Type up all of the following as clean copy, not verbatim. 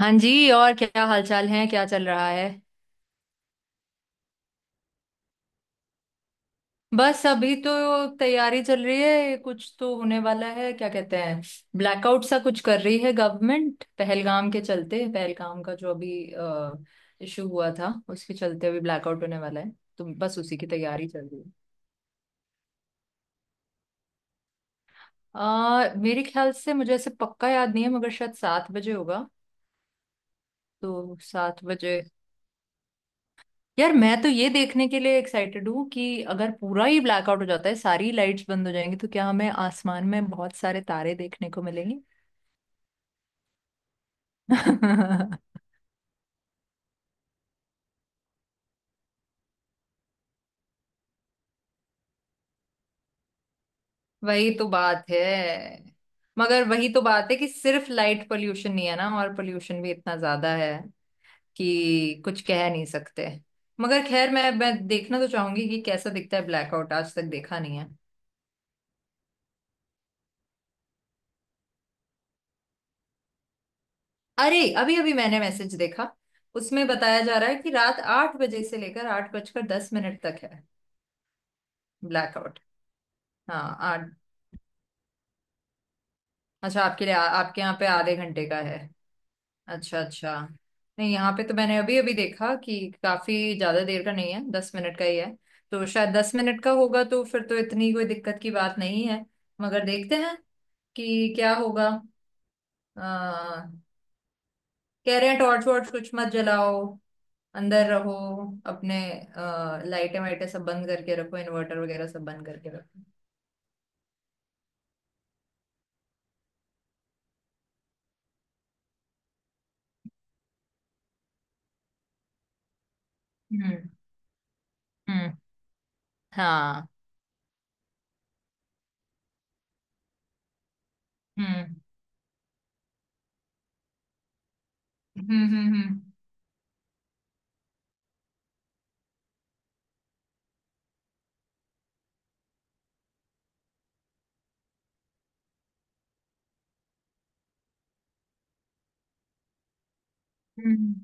हाँ जी, और क्या हालचाल है? क्या चल रहा है? बस अभी तो तैयारी चल रही है। कुछ तो होने वाला है, क्या कहते हैं, ब्लैकआउट सा कुछ कर रही है गवर्नमेंट। पहलगाम के चलते पहलगाम का जो अभी इशू हुआ था उसके चलते अभी ब्लैकआउट होने वाला है। तो बस उसी की तैयारी चल रही है। मेरे ख्याल से मुझे ऐसे पक्का याद नहीं है, मगर शायद 7 बजे होगा। तो 7 बजे। यार, मैं तो ये देखने के लिए एक्साइटेड हूँ कि अगर पूरा ही ब्लैकआउट हो जाता है, सारी लाइट्स बंद हो जाएंगी, तो क्या हमें आसमान में बहुत सारे तारे देखने को मिलेंगे। वही तो बात है। मगर वही तो बात है कि सिर्फ लाइट पोल्यूशन नहीं है ना, और पोल्यूशन भी इतना ज्यादा है कि कुछ कह नहीं सकते। मगर खैर, मैं देखना तो चाहूंगी कि कैसा दिखता है। ब्लैकआउट आज तक देखा नहीं है। अरे, अभी अभी मैंने मैसेज देखा। उसमें बताया जा रहा है कि रात 8 बजे से लेकर 8 बजकर 10 मिनट तक है। ब्लैकआउट। हाँ, 8। अच्छा, आपके लिए आपके यहाँ पे आधे घंटे का है? अच्छा अच्छा। नहीं, यहाँ पे तो मैंने अभी अभी देखा कि काफी ज्यादा देर का नहीं है, 10 मिनट का ही है। तो शायद 10 मिनट का होगा, तो फिर तो इतनी कोई दिक्कत की बात नहीं है। मगर देखते हैं कि क्या होगा। कह रहे हैं टॉर्च वॉर्च कुछ मत जलाओ, अंदर रहो। अपने लाइटें वाइटें सब बंद करके रखो, इन्वर्टर वगैरह सब बंद करके रखो। हम्म। हम्म। हाँ। हम्म। हम्म। हम्म। हम्म। हम्म।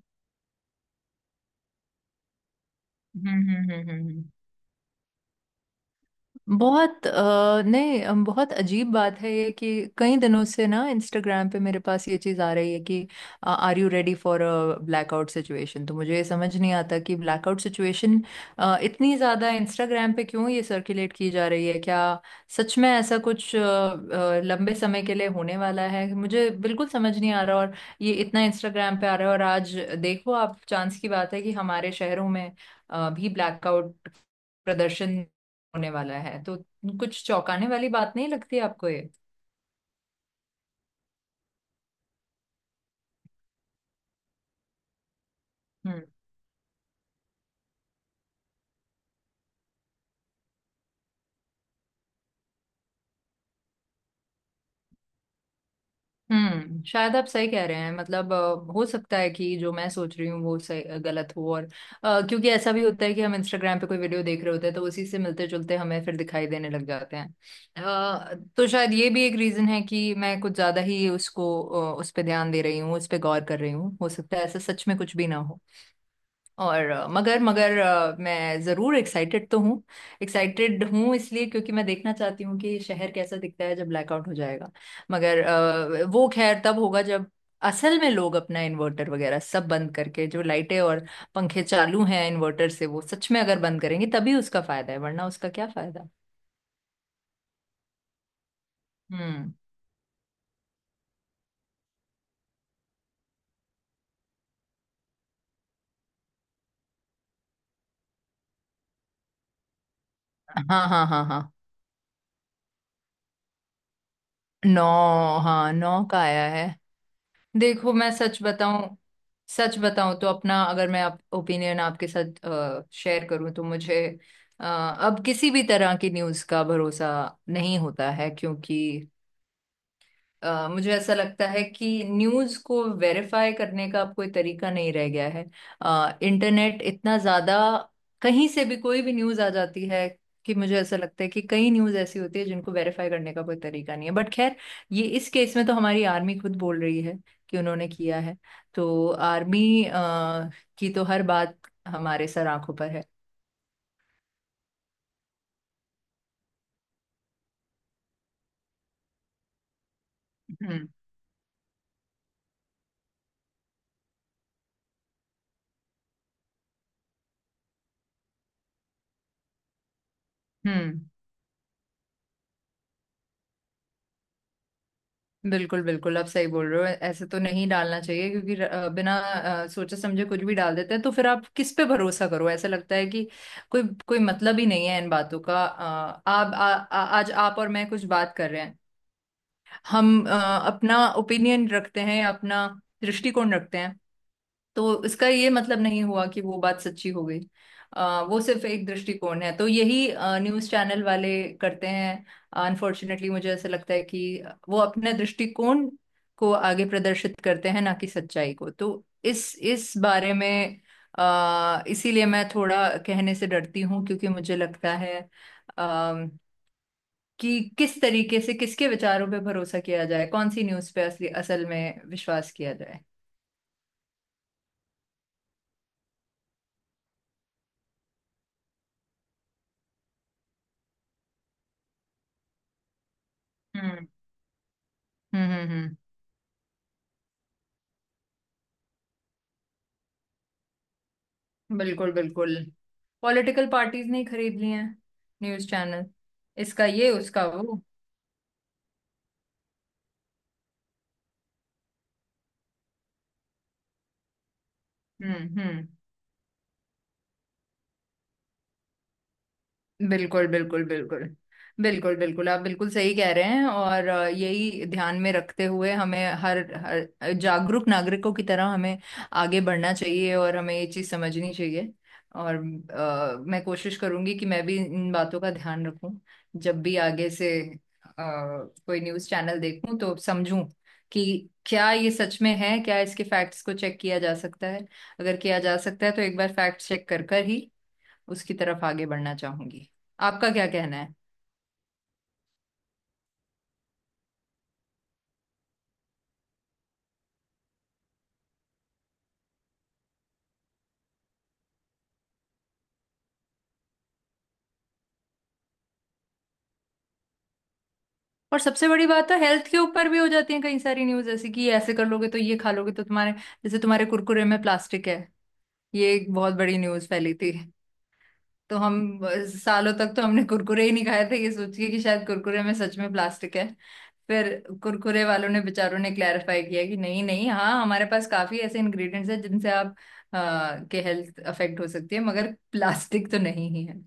हम्म। हम्म। हम्म। बहुत नहीं, बहुत अजीब बात है ये कि कई दिनों से ना इंस्टाग्राम पे मेरे पास ये चीज़ आ रही है कि are you ready for a blackout situation. तो मुझे ये समझ नहीं आता कि ब्लैकआउट सिचुएशन इतनी ज़्यादा इंस्टाग्राम पे क्यों ये सर्कुलेट की जा रही है। क्या सच में ऐसा कुछ लंबे समय के लिए होने वाला है, मुझे बिल्कुल समझ नहीं आ रहा। और ये इतना इंस्टाग्राम पे आ रहा है और आज, देखो आप, चांस की बात है कि हमारे शहरों में भी ब्लैकआउट प्रदर्शन होने वाला है। तो कुछ चौंकाने वाली बात नहीं लगती आपको ये? हम्म। हम्म। शायद आप सही कह रहे हैं, मतलब हो सकता है कि जो मैं सोच रही हूँ वो सही गलत हो। और क्योंकि ऐसा भी होता है कि हम इंस्टाग्राम पे कोई वीडियो देख रहे होते हैं, तो उसी से मिलते जुलते हमें फिर दिखाई देने लग जाते हैं। तो शायद ये भी एक रीजन है कि मैं कुछ ज्यादा ही उसको उस पर ध्यान दे रही हूँ, उस पर गौर कर रही हूँ। हो सकता है ऐसा सच में कुछ भी ना हो। और मगर मगर मैं ज़रूर एक्साइटेड तो हूँ। एक्साइटेड हूँ इसलिए क्योंकि मैं देखना चाहती हूँ कि शहर कैसा दिखता है जब ब्लैकआउट हो जाएगा। मगर वो खैर तब होगा जब असल में लोग अपना इन्वर्टर वगैरह सब बंद करके, जो लाइटें और पंखे चालू हैं इन्वर्टर से, वो सच में अगर बंद करेंगे तभी उसका फायदा है, वरना उसका क्या फायदा। हम्म। हाँ हाँ हाँ हाँ। 9। हाँ, नौ का आया है। देखो, मैं सच बताऊं, सच बताऊं तो अपना, अगर मैं ओपिनियन आपके साथ शेयर करूं, तो मुझे अब किसी भी तरह की न्यूज़ का भरोसा नहीं होता है, क्योंकि मुझे ऐसा लगता है कि न्यूज़ को वेरीफाई करने का अब कोई तरीका नहीं रह गया है। इंटरनेट इतना ज्यादा, कहीं से भी कोई भी न्यूज़ आ जाती है कि मुझे ऐसा लगता है कि कई न्यूज़ ऐसी होती है जिनको वेरीफाई करने का कोई तरीका नहीं है। बट खैर, ये इस केस में तो हमारी आर्मी खुद बोल रही है कि उन्होंने किया है। तो आर्मी की तो हर बात हमारे सर आंखों पर है। हम्म। हम्म। बिल्कुल बिल्कुल, आप सही बोल रहे हो, ऐसे तो नहीं डालना चाहिए, क्योंकि बिना सोचे समझे कुछ भी डाल देते हैं, तो फिर आप किस पे भरोसा करो। ऐसा लगता है कि कोई कोई मतलब ही नहीं है इन बातों का। आप आ, आ, आज आप और मैं कुछ बात कर रहे हैं, हम अपना ओपिनियन रखते हैं, अपना दृष्टिकोण रखते हैं। तो इसका ये मतलब नहीं हुआ कि वो बात सच्ची हो गई। वो सिर्फ एक दृष्टिकोण है। तो यही न्यूज़ चैनल वाले करते हैं। अनफॉर्चुनेटली मुझे ऐसा लगता है कि वो अपने दृष्टिकोण को आगे प्रदर्शित करते हैं, ना कि सच्चाई को। तो इस बारे में इसीलिए मैं थोड़ा कहने से डरती हूँ, क्योंकि मुझे लगता है अ, कि किस तरीके से किसके विचारों पे भरोसा किया जाए, कौन सी न्यूज़ पे असली असल में विश्वास किया जाए। हम्म। हम्म। हम्म। हम्म। बिल्कुल बिल्कुल। पॉलिटिकल पार्टीज ने ही खरीद लिए हैं न्यूज चैनल। इसका ये उसका वो। हम्म। हम्म। बिल्कुल बिल्कुल बिल्कुल। बिल्कुल बिल्कुल, आप बिल्कुल सही कह रहे हैं। और यही ध्यान में रखते हुए हमें हर हर जागरूक नागरिकों की तरह हमें आगे बढ़ना चाहिए, और हमें ये चीज़ समझनी चाहिए। और मैं कोशिश करूंगी कि मैं भी इन बातों का ध्यान रखूं जब भी आगे से अ, कोई न्यूज़ चैनल देखूं, तो समझूं कि क्या ये सच में है, क्या इसके फैक्ट्स को चेक किया जा सकता है। अगर किया जा सकता है तो एक बार फैक्ट चेक कर कर ही उसकी तरफ आगे बढ़ना चाहूंगी। आपका क्या कहना है? और सबसे बड़ी बात तो हेल्थ के ऊपर भी हो जाती है। कई सारी न्यूज ऐसी कि ये ऐसे कर लोगे, तो ये खा लोगे तो तुम्हारे, जैसे तुम्हारे कुरकुरे में प्लास्टिक है, ये एक बहुत बड़ी न्यूज फैली थी। तो हम सालों तक तो हमने कुरकुरे ही नहीं खाए थे, ये सोच के कि शायद कुरकुरे में सच में प्लास्टिक है। फिर कुरकुरे वालों ने, बेचारों ने, क्लैरिफाई किया कि नहीं नहीं, हाँ, हमारे पास काफी ऐसे इंग्रेडिएंट्स हैं जिनसे आप के हेल्थ अफेक्ट हो सकती है, मगर प्लास्टिक तो नहीं ही है।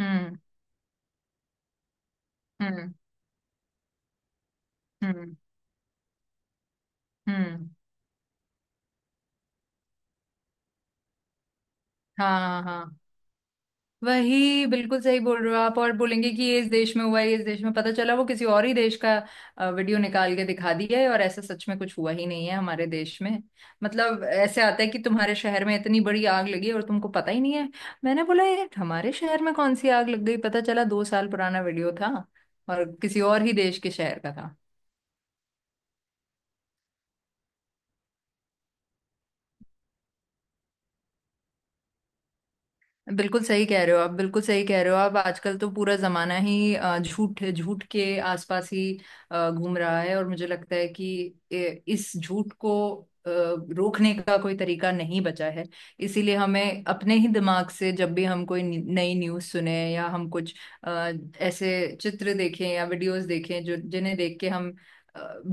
हम्म। हम्म। हम्म। हम्म। हाँ हाँ हाँ। वही, बिल्कुल सही बोल रहे हो आप। और बोलेंगे कि ये इस देश में हुआ है, ये इस देश में, पता चला वो किसी और ही देश का वीडियो निकाल के दिखा दिया है, और ऐसा सच में कुछ हुआ ही नहीं है हमारे देश में। मतलब ऐसे आता है कि तुम्हारे शहर में इतनी बड़ी आग लगी और तुमको पता ही नहीं है, मैंने बोला ये हमारे शहर में कौन सी आग लग गई, पता चला 2 साल पुराना वीडियो था और किसी और ही देश के शहर का था। बिल्कुल सही कह रहे हो आप, बिल्कुल सही कह रहे हो आप। आजकल तो पूरा जमाना ही झूठ झूठ के आसपास ही घूम रहा है। और मुझे लगता है कि इस झूठ को रोकने का कोई तरीका नहीं बचा है। इसीलिए हमें अपने ही दिमाग से, जब भी हम कोई नई न्यूज़ सुने, या हम कुछ अ, ऐसे चित्र देखें या वीडियोस देखें, जो जिन्हें देख के हम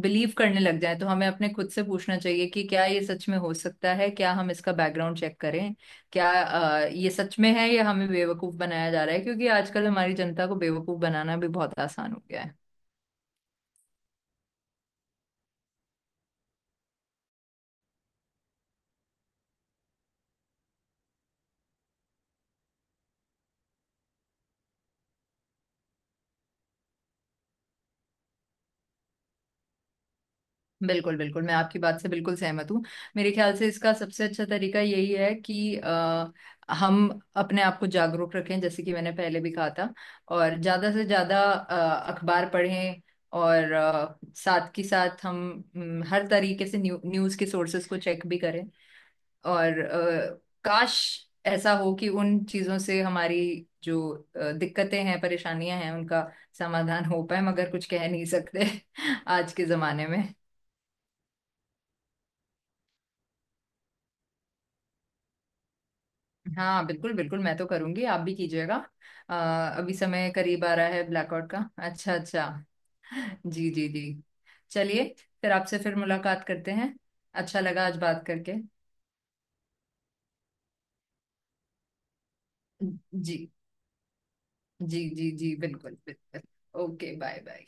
बिलीव करने लग जाए, तो हमें अपने खुद से पूछना चाहिए कि क्या ये सच में हो सकता है, क्या हम इसका बैकग्राउंड चेक करें, क्या ये सच में है, या हमें बेवकूफ बनाया जा रहा है। क्योंकि आजकल हमारी जनता को बेवकूफ बनाना भी बहुत आसान हो गया है। बिल्कुल बिल्कुल, मैं आपकी बात से बिल्कुल सहमत हूँ। मेरे ख्याल से इसका सबसे अच्छा तरीका यही है कि हम अपने आप को जागरूक रखें, जैसे कि मैंने पहले भी कहा था, और ज्यादा से ज्यादा अखबार पढ़ें, और साथ के साथ हम हर तरीके से न्यूज़ के सोर्सेज को चेक भी करें। और काश ऐसा हो कि उन चीजों से हमारी जो दिक्कतें हैं, परेशानियां हैं, उनका समाधान हो पाए। मगर कुछ कह नहीं सकते आज के जमाने में। हाँ बिल्कुल बिल्कुल, मैं तो करूंगी, आप भी कीजिएगा। अ, अभी समय करीब आ रहा है ब्लैकआउट का। अच्छा अच्छा। जी जी जी। चलिए, फिर आपसे फिर मुलाकात करते हैं। अच्छा लगा आज बात करके। जी जी जी जी, बिल्कुल बिल्कुल। Okay, bye bye.